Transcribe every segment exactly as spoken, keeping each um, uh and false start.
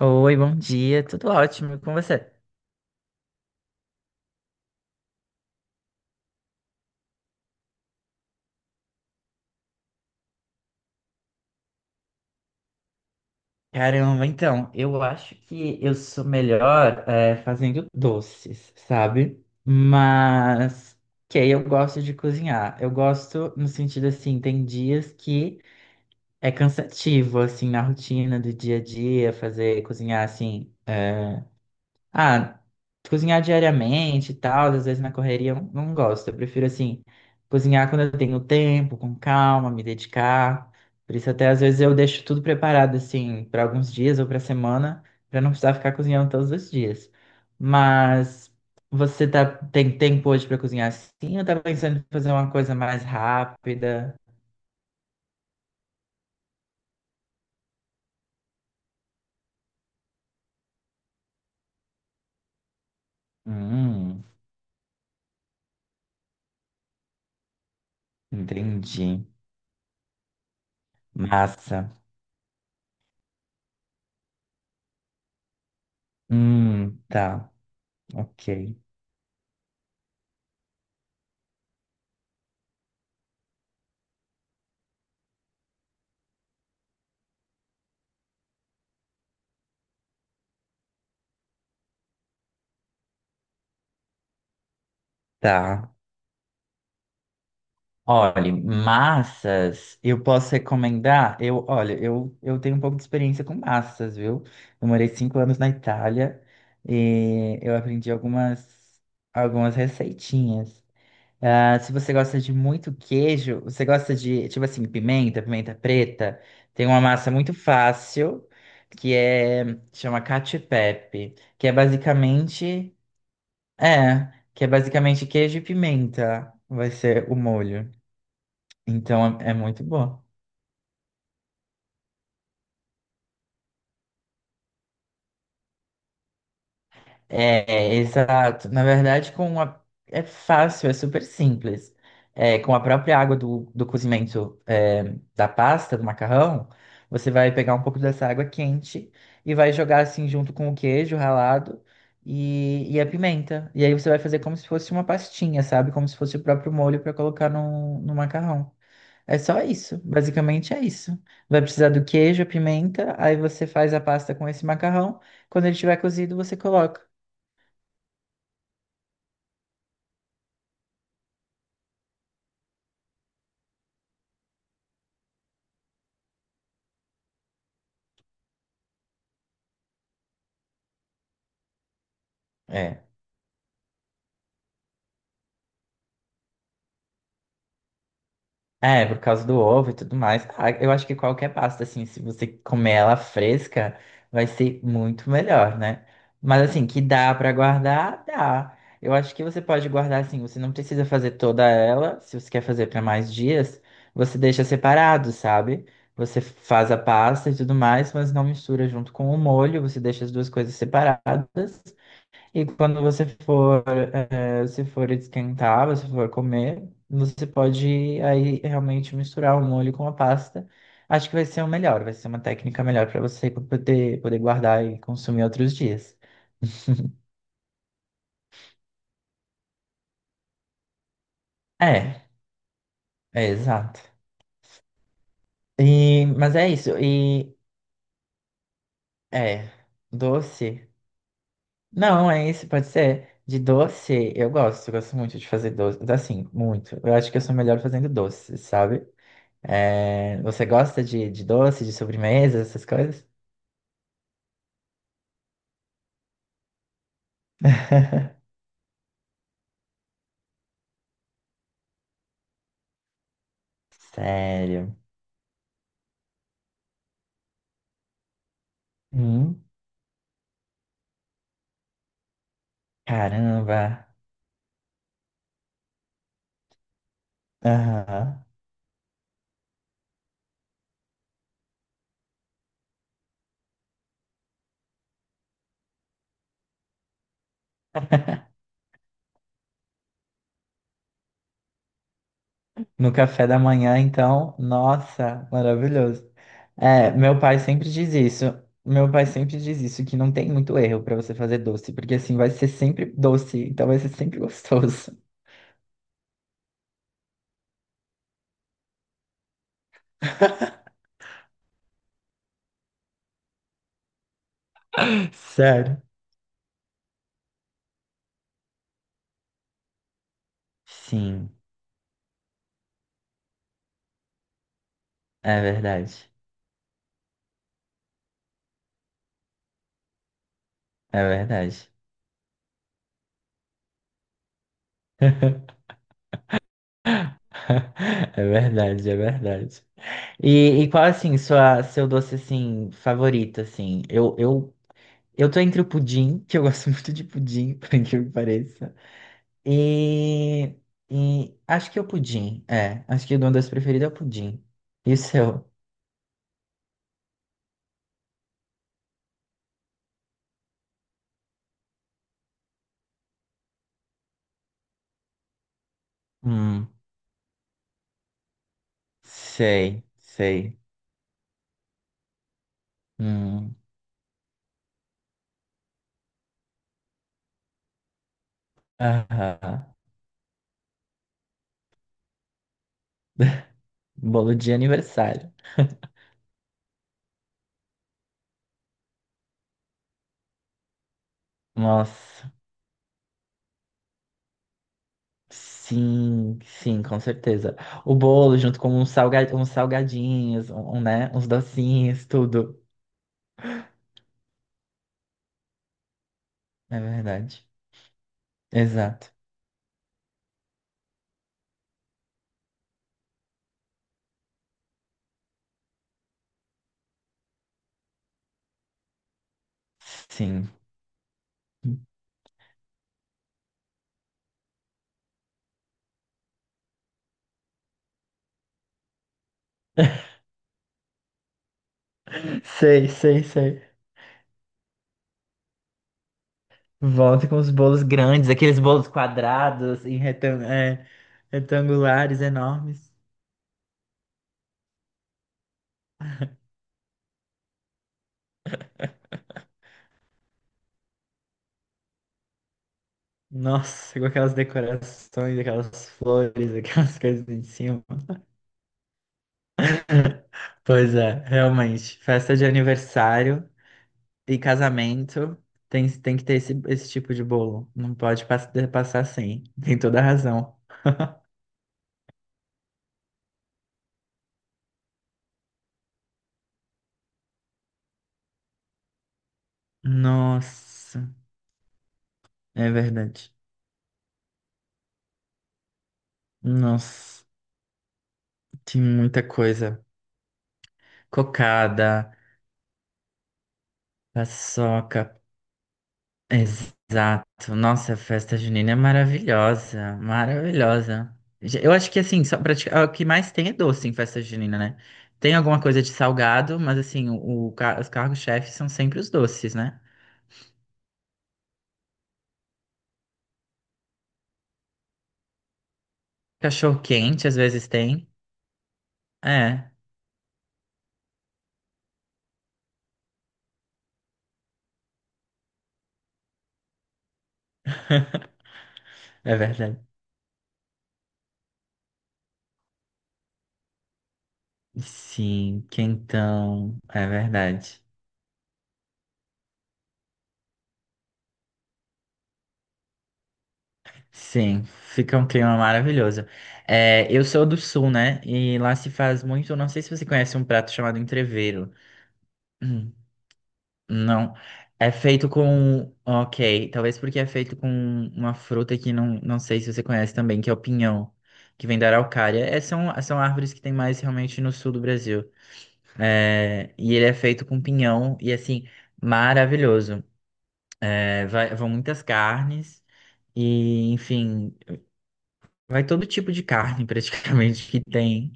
Oi, bom dia, tudo ótimo e com você? Caramba, então, eu acho que eu sou melhor é, fazendo doces, sabe? Mas, que eu gosto de cozinhar. Eu gosto no sentido assim, tem dias que é cansativo, assim, na rotina do dia a dia, fazer, cozinhar, assim, eh, Ah, cozinhar diariamente e tal, às vezes na correria eu não gosto. Eu prefiro, assim, cozinhar quando eu tenho tempo, com calma, me dedicar. Por isso, até às vezes eu deixo tudo preparado, assim, para alguns dias ou para semana, para não precisar ficar cozinhando todos os dias. Mas você tá, tem tempo hoje para cozinhar assim ou tá pensando em fazer uma coisa mais rápida? Hum, entendi. Massa. Hum, tá. Ok. Tá. Olha, massas, eu posso recomendar? Eu, olha, eu, eu tenho um pouco de experiência com massas, viu? Eu morei cinco anos na Itália e eu aprendi algumas, algumas receitinhas. Ah, se você gosta de muito queijo, você gosta de, tipo assim, pimenta, pimenta preta, tem uma massa muito fácil que é, chama cacio e pepe, que é basicamente, é, que é basicamente queijo e pimenta, vai ser o molho. Então é, é muito bom. É, exato. Na verdade, com a, é fácil, é super simples. É, com a própria água do, do cozimento, é, da pasta, do macarrão, você vai pegar um pouco dessa água quente e vai jogar assim junto com o queijo ralado e, e a pimenta. E aí você vai fazer como se fosse uma pastinha, sabe? Como se fosse o próprio molho para colocar no, no macarrão. É só isso, basicamente é isso. Vai precisar do queijo, a pimenta, aí você faz a pasta com esse macarrão. Quando ele estiver cozido, você coloca. É. É, por causa do ovo e tudo mais. Ah, eu acho que qualquer pasta, assim, se você comer ela fresca, vai ser muito melhor, né? Mas assim, que dá pra guardar, dá. Eu acho que você pode guardar assim, você não precisa fazer toda ela, se você quer fazer pra mais dias, você deixa separado, sabe? Você faz a pasta e tudo mais, mas não mistura junto com o molho, você deixa as duas coisas separadas. E quando você for, eh, se for esquentar, você for comer, você pode aí realmente misturar o molho com a pasta. Acho que vai ser o melhor, vai ser uma técnica melhor para você poder, poder guardar e consumir outros dias. É, é exato. E, mas é isso. E é doce. Não, é isso, pode ser. De doce, eu gosto, eu gosto muito de fazer doce, assim, muito. Eu acho que eu sou melhor fazendo doce, sabe? É, você gosta de, de doce, de sobremesa, essas coisas? Sério. Hum. Caramba. Aham. No café da manhã, então, nossa, maravilhoso. É, meu pai sempre diz isso. Meu pai sempre diz isso, que não tem muito erro pra você fazer doce, porque assim vai ser sempre doce, então vai ser sempre gostoso. Sério. Sim, é verdade. É verdade. É verdade, é verdade. E, e qual, assim, sua, seu doce, assim, favorito, assim? Eu, eu, eu tô entre o pudim, que eu gosto muito de pudim, por incrível que pareça. E, e acho que é o pudim, é. Acho que o meu doce preferido é o pudim. E o seu? Hum, sei, sei. Hum, aham. Bolo de aniversário. Nossa, sim, sim, com certeza. O bolo junto com uns salga- uns salgadinhos, um, um, né, uns docinhos, tudo. É verdade. Exato. Sim. Sei, sei, sei. Volta com os bolos grandes, aqueles bolos quadrados em retan- é, retangulares enormes. Nossa, com aquelas decorações, aquelas flores, aquelas coisas em cima. Pois é, realmente. Festa de aniversário e casamento tem, tem que ter esse, esse tipo de bolo. Não pode pass- passar sem. Tem toda a razão. Nossa, é verdade. Nossa. Tinha muita coisa. Cocada, paçoca, exato. Nossa, a festa junina é maravilhosa, maravilhosa. Já- Eu acho que assim, só pra te- ah, o que mais tem é doce em festa junina, né? Tem alguma coisa de salgado, mas assim, o, o ca- os cargos-chefes são sempre os doces, né? Cachorro-quente às vezes tem. É, é verdade. Sim, quentão, é verdade. Sim, fica um clima maravilhoso. É, eu sou do sul, né? E lá se faz muito. Não sei se você conhece um prato chamado entrevero. Hum, não. É feito com. Ok, talvez porque é feito com uma fruta que não, não sei se você conhece também, que é o pinhão, que vem da araucária. É, são, são árvores que tem mais realmente no sul do Brasil. É, e ele é feito com pinhão, e assim, maravilhoso. É, vai- vão muitas carnes, e enfim. Vai todo tipo de carne, praticamente, que tem.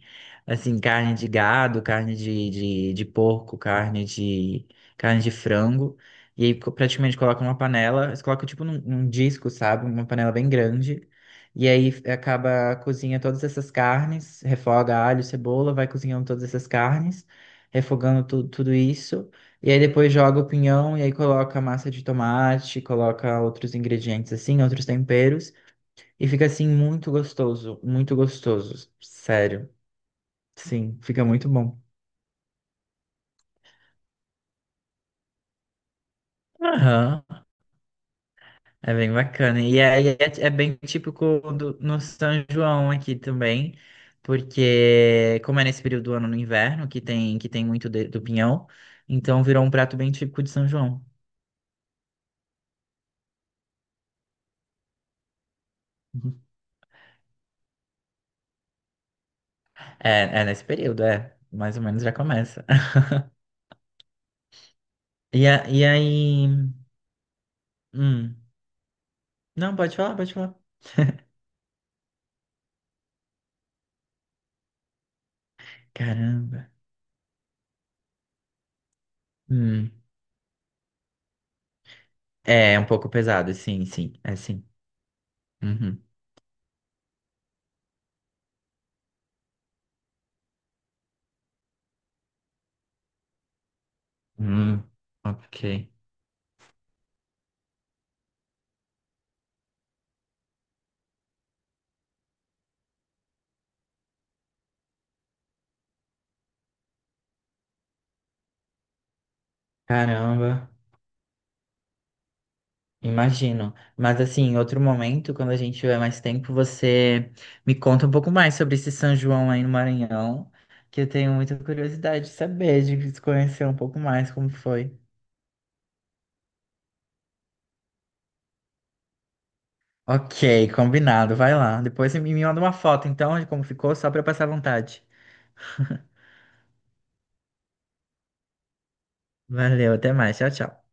Assim, carne de gado, carne de, de, de porco, carne de, carne de frango. E aí, co- praticamente, coloca numa panela. Eles colocam, tipo, num, num disco, sabe? Uma panela bem grande. E aí, f- acaba, cozinha todas essas carnes. Refoga alho, cebola, vai cozinhando todas essas carnes. Refogando tu, tudo isso. E aí, depois joga o pinhão. E aí, coloca massa de tomate. Coloca outros ingredientes, assim, outros temperos. E fica assim muito gostoso, muito gostoso, sério. Sim, fica muito bom. Aham, é bem bacana. E é, é, é bem típico do, no São João aqui também, porque como é nesse período do ano no inverno, que tem, que tem muito de- do pinhão, então virou um prato bem típico de São João. Uhum. É, é nesse período, é. Mais ou menos já começa. E, a, e aí. Hum, não, pode falar, pode falar. Caramba. Hum, é é um pouco pesado, sim, sim, é sim. Uhum. Hum, ok. Caramba, imagino. Mas assim, em outro momento, quando a gente tiver mais tempo, você me conta um pouco mais sobre esse São João aí no Maranhão, que eu tenho muita curiosidade de saber, de se conhecer um pouco mais como foi. Ok, combinado, vai lá. Depois você me manda uma foto então de como ficou, só para eu passar vontade. Valeu, até mais, tchau, tchau.